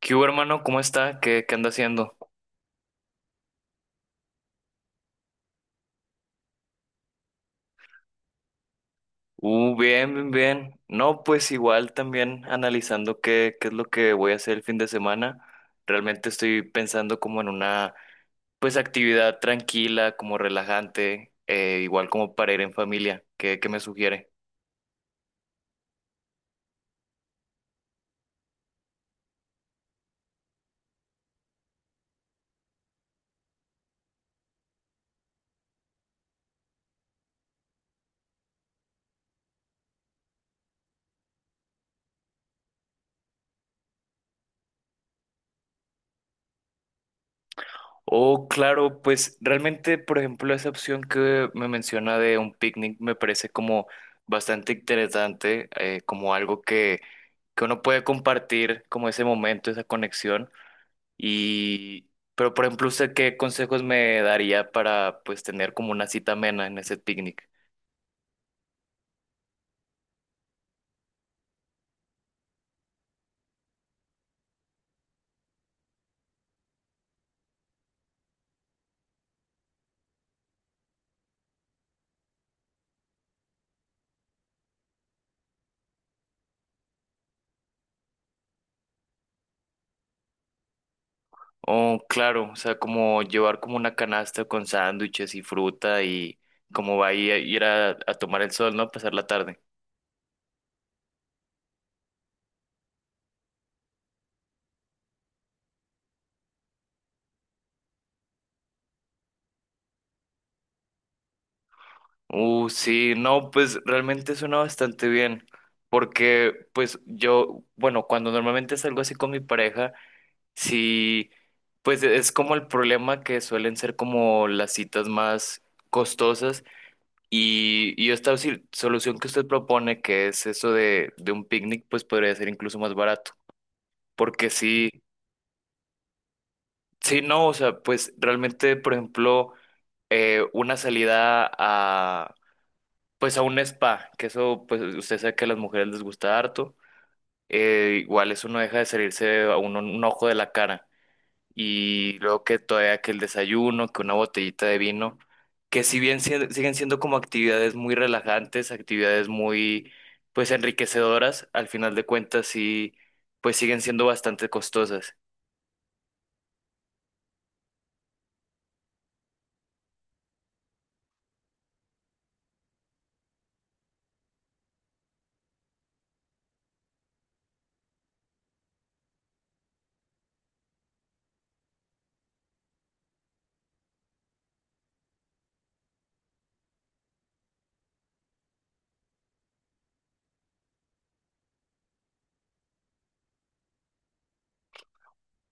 ¿Qué hubo, hermano? ¿Cómo está? ¿Qué anda haciendo? Bien. No, pues igual también analizando qué es lo que voy a hacer el fin de semana. Realmente estoy pensando como en una, pues, actividad tranquila, como relajante, igual como para ir en familia. ¿Qué me sugiere? Oh, claro, pues realmente, por ejemplo, esa opción que me menciona de un picnic me parece como bastante interesante, como algo que uno puede compartir, como ese momento, esa conexión. Y, pero por ejemplo, ¿usted qué consejos me daría para pues tener como una cita amena en ese picnic? Oh, claro, o sea, como llevar como una canasta con sándwiches y fruta y como va a ir a tomar el sol, ¿no? A pasar la tarde. Sí, no, pues realmente suena bastante bien, porque pues yo, bueno, cuando normalmente salgo así con mi pareja, sí, pues es como el problema que suelen ser como las citas más costosas. Y esta solución que usted propone, que es eso de un picnic, pues podría ser incluso más barato. Porque sí, sí, no, o sea, pues realmente, por ejemplo, una salida pues a un spa, que eso, pues usted sabe que a las mujeres les gusta harto, igual eso no deja de salirse a uno un ojo de la cara. Y luego que todavía que el desayuno, que una botellita de vino, que si bien siguen siendo como actividades muy relajantes, actividades muy pues enriquecedoras, al final de cuentas sí pues siguen siendo bastante costosas.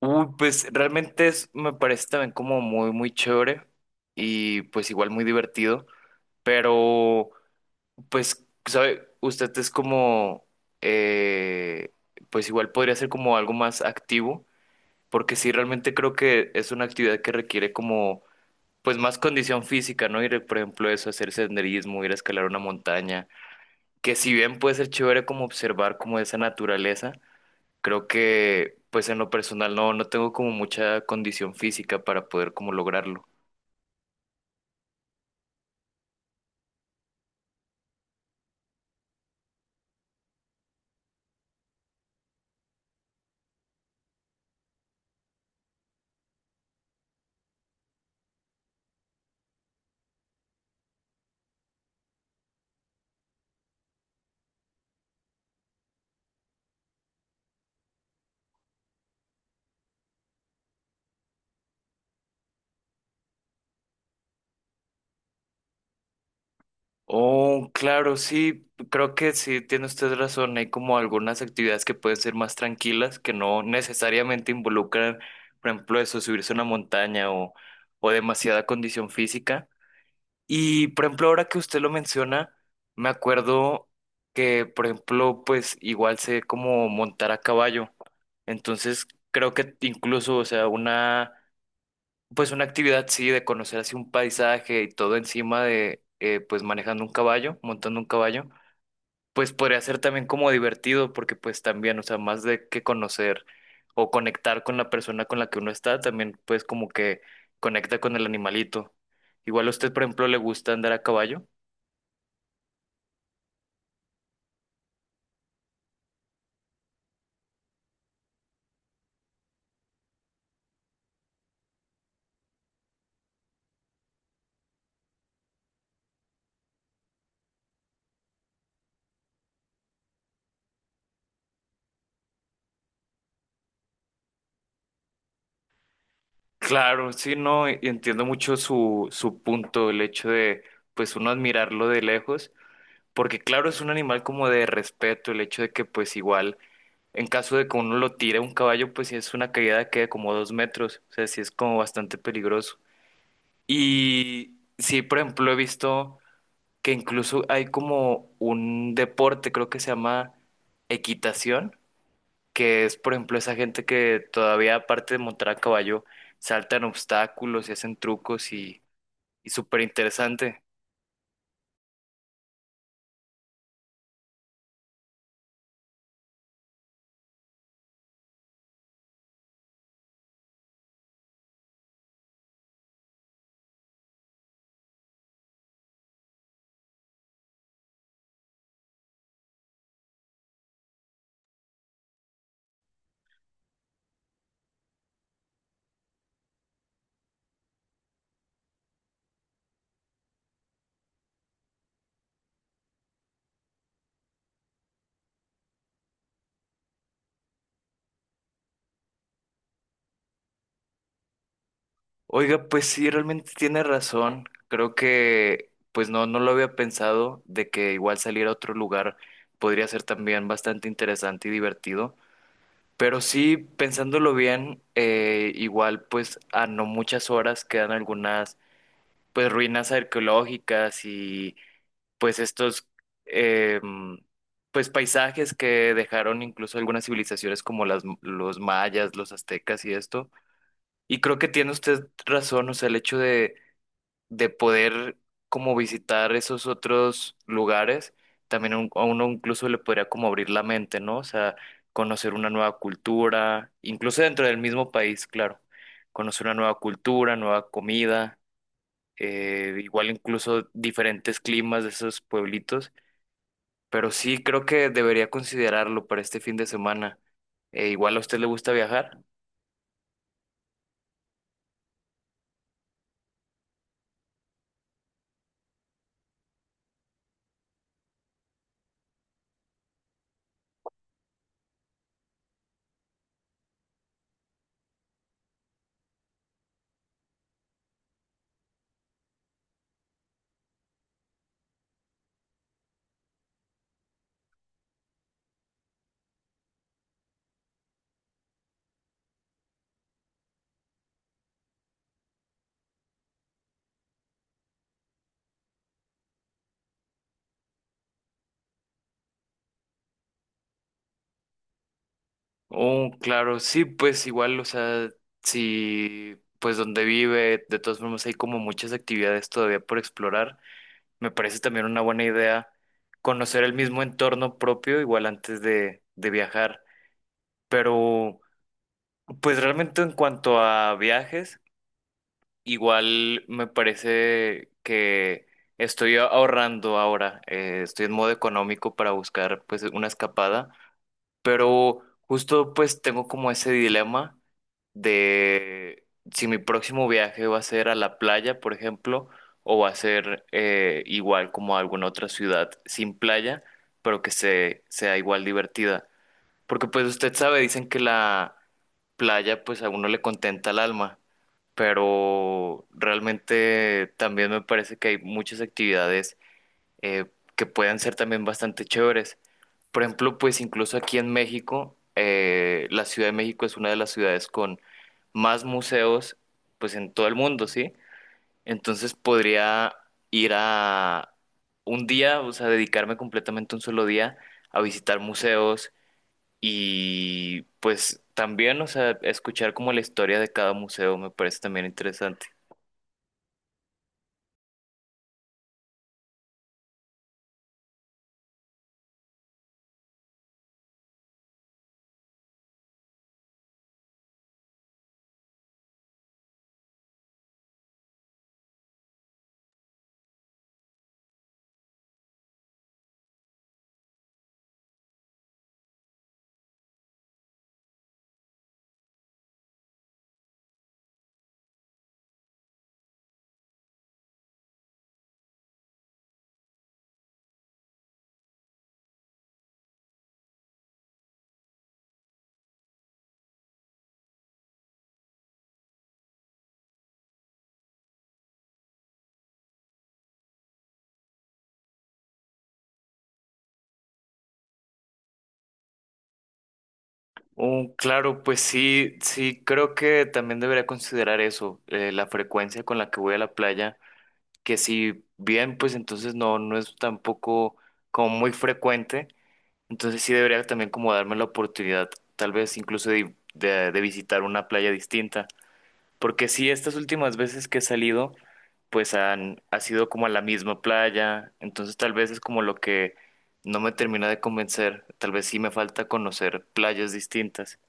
Uy, pues realmente es, me parece también como muy muy chévere y pues igual muy divertido, pero pues sabe, usted es como eh, pues igual podría ser como algo más activo porque sí realmente creo que es una actividad que requiere como pues más condición física, ¿no? Ir, por ejemplo, eso, hacer senderismo, ir a escalar una montaña, que si bien puede ser chévere como observar como esa naturaleza, creo que pues en lo personal no, no tengo como mucha condición física para poder como lograrlo. Oh, claro, sí, creo que sí, tiene usted razón, hay como algunas actividades que pueden ser más tranquilas, que no necesariamente involucran, por ejemplo, eso, subirse a una montaña o demasiada condición física. Y por ejemplo, ahora que usted lo menciona, me acuerdo que, por ejemplo, pues igual sé cómo montar a caballo. Entonces, creo que incluso, o sea, una, pues una actividad, sí, de conocer así un paisaje y todo encima de, pues manejando un caballo, montando un caballo, pues podría ser también como divertido, porque pues también, o sea, más de que conocer o conectar con la persona con la que uno está, también pues como que conecta con el animalito. Igual a usted, por ejemplo, le gusta andar a caballo. Claro, sí, no, y entiendo mucho su punto, el hecho de, pues, uno admirarlo de lejos, porque claro, es un animal como de respeto, el hecho de que, pues, igual, en caso de que uno lo tire a un caballo, pues, si es una caída que de como 2 metros, o sea, sí es como bastante peligroso. Y sí, por ejemplo, he visto que incluso hay como un deporte, creo que se llama equitación, que es, por ejemplo, esa gente que todavía, aparte de montar a caballo, saltan obstáculos y hacen trucos y súper interesante. Oiga, pues sí, realmente tiene razón. Creo que, pues no, no lo había pensado de que igual salir a otro lugar podría ser también bastante interesante y divertido. Pero sí, pensándolo bien, igual pues a no muchas horas quedan algunas pues ruinas arqueológicas y pues estos eh, pues paisajes que dejaron incluso algunas civilizaciones como los mayas, los aztecas y esto. Y creo que tiene usted razón, o sea, el hecho de poder como visitar esos otros lugares, también a a uno incluso le podría como abrir la mente, ¿no? O sea, conocer una nueva cultura, incluso dentro del mismo país, claro, conocer una nueva cultura, nueva comida, igual incluso diferentes climas de esos pueblitos. Pero sí, creo que debería considerarlo para este fin de semana. Igual a usted le gusta viajar. Oh, claro, sí, pues igual, o sea, si pues donde vive, de todas formas hay como muchas actividades todavía por explorar. Me parece también una buena idea conocer el mismo entorno propio, igual antes de viajar. Pero, pues realmente en cuanto a viajes. Igual me parece que estoy ahorrando ahora, estoy en modo económico para buscar pues una escapada, pero justo pues tengo como ese dilema de si mi próximo viaje va a ser a la playa, por ejemplo, o va a ser igual como a alguna otra ciudad sin playa, pero que sea igual divertida. Porque pues usted sabe, dicen que la playa pues a uno le contenta el alma, pero realmente también me parece que hay muchas actividades eh, que pueden ser también bastante chéveres. Por ejemplo, pues incluso aquí en México, la Ciudad de México es una de las ciudades con más museos, pues en todo el mundo, ¿sí? Entonces podría ir a un día, o sea, dedicarme completamente un solo día a visitar museos y pues también, o sea, escuchar como la historia de cada museo me parece también interesante. Oh, claro, pues sí, sí, creo que también debería considerar eso, la frecuencia con la que voy a la playa, que si bien, pues entonces no, no es tampoco como muy frecuente, entonces sí debería también como darme la oportunidad, tal vez incluso de visitar una playa distinta, porque sí, estas últimas veces que he salido, pues han, ha sido como a la misma playa, entonces tal vez es como lo que no me termina de convencer, tal vez sí me falta conocer playas distintas.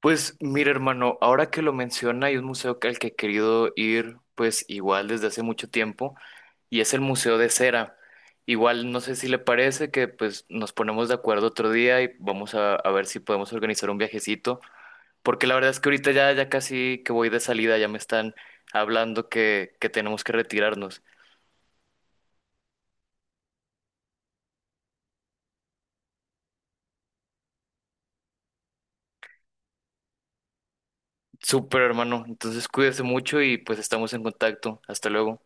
Pues mira, hermano, ahora que lo menciona, hay un museo al que he querido ir, pues igual desde hace mucho tiempo, y es el Museo de Cera. Igual, no sé si le parece que pues nos ponemos de acuerdo otro día y vamos a ver si podemos organizar un viajecito, porque la verdad es que ahorita ya casi que voy de salida, ya me están hablando que tenemos que retirarnos. Súper, hermano, entonces cuídese mucho y pues estamos en contacto. Hasta luego.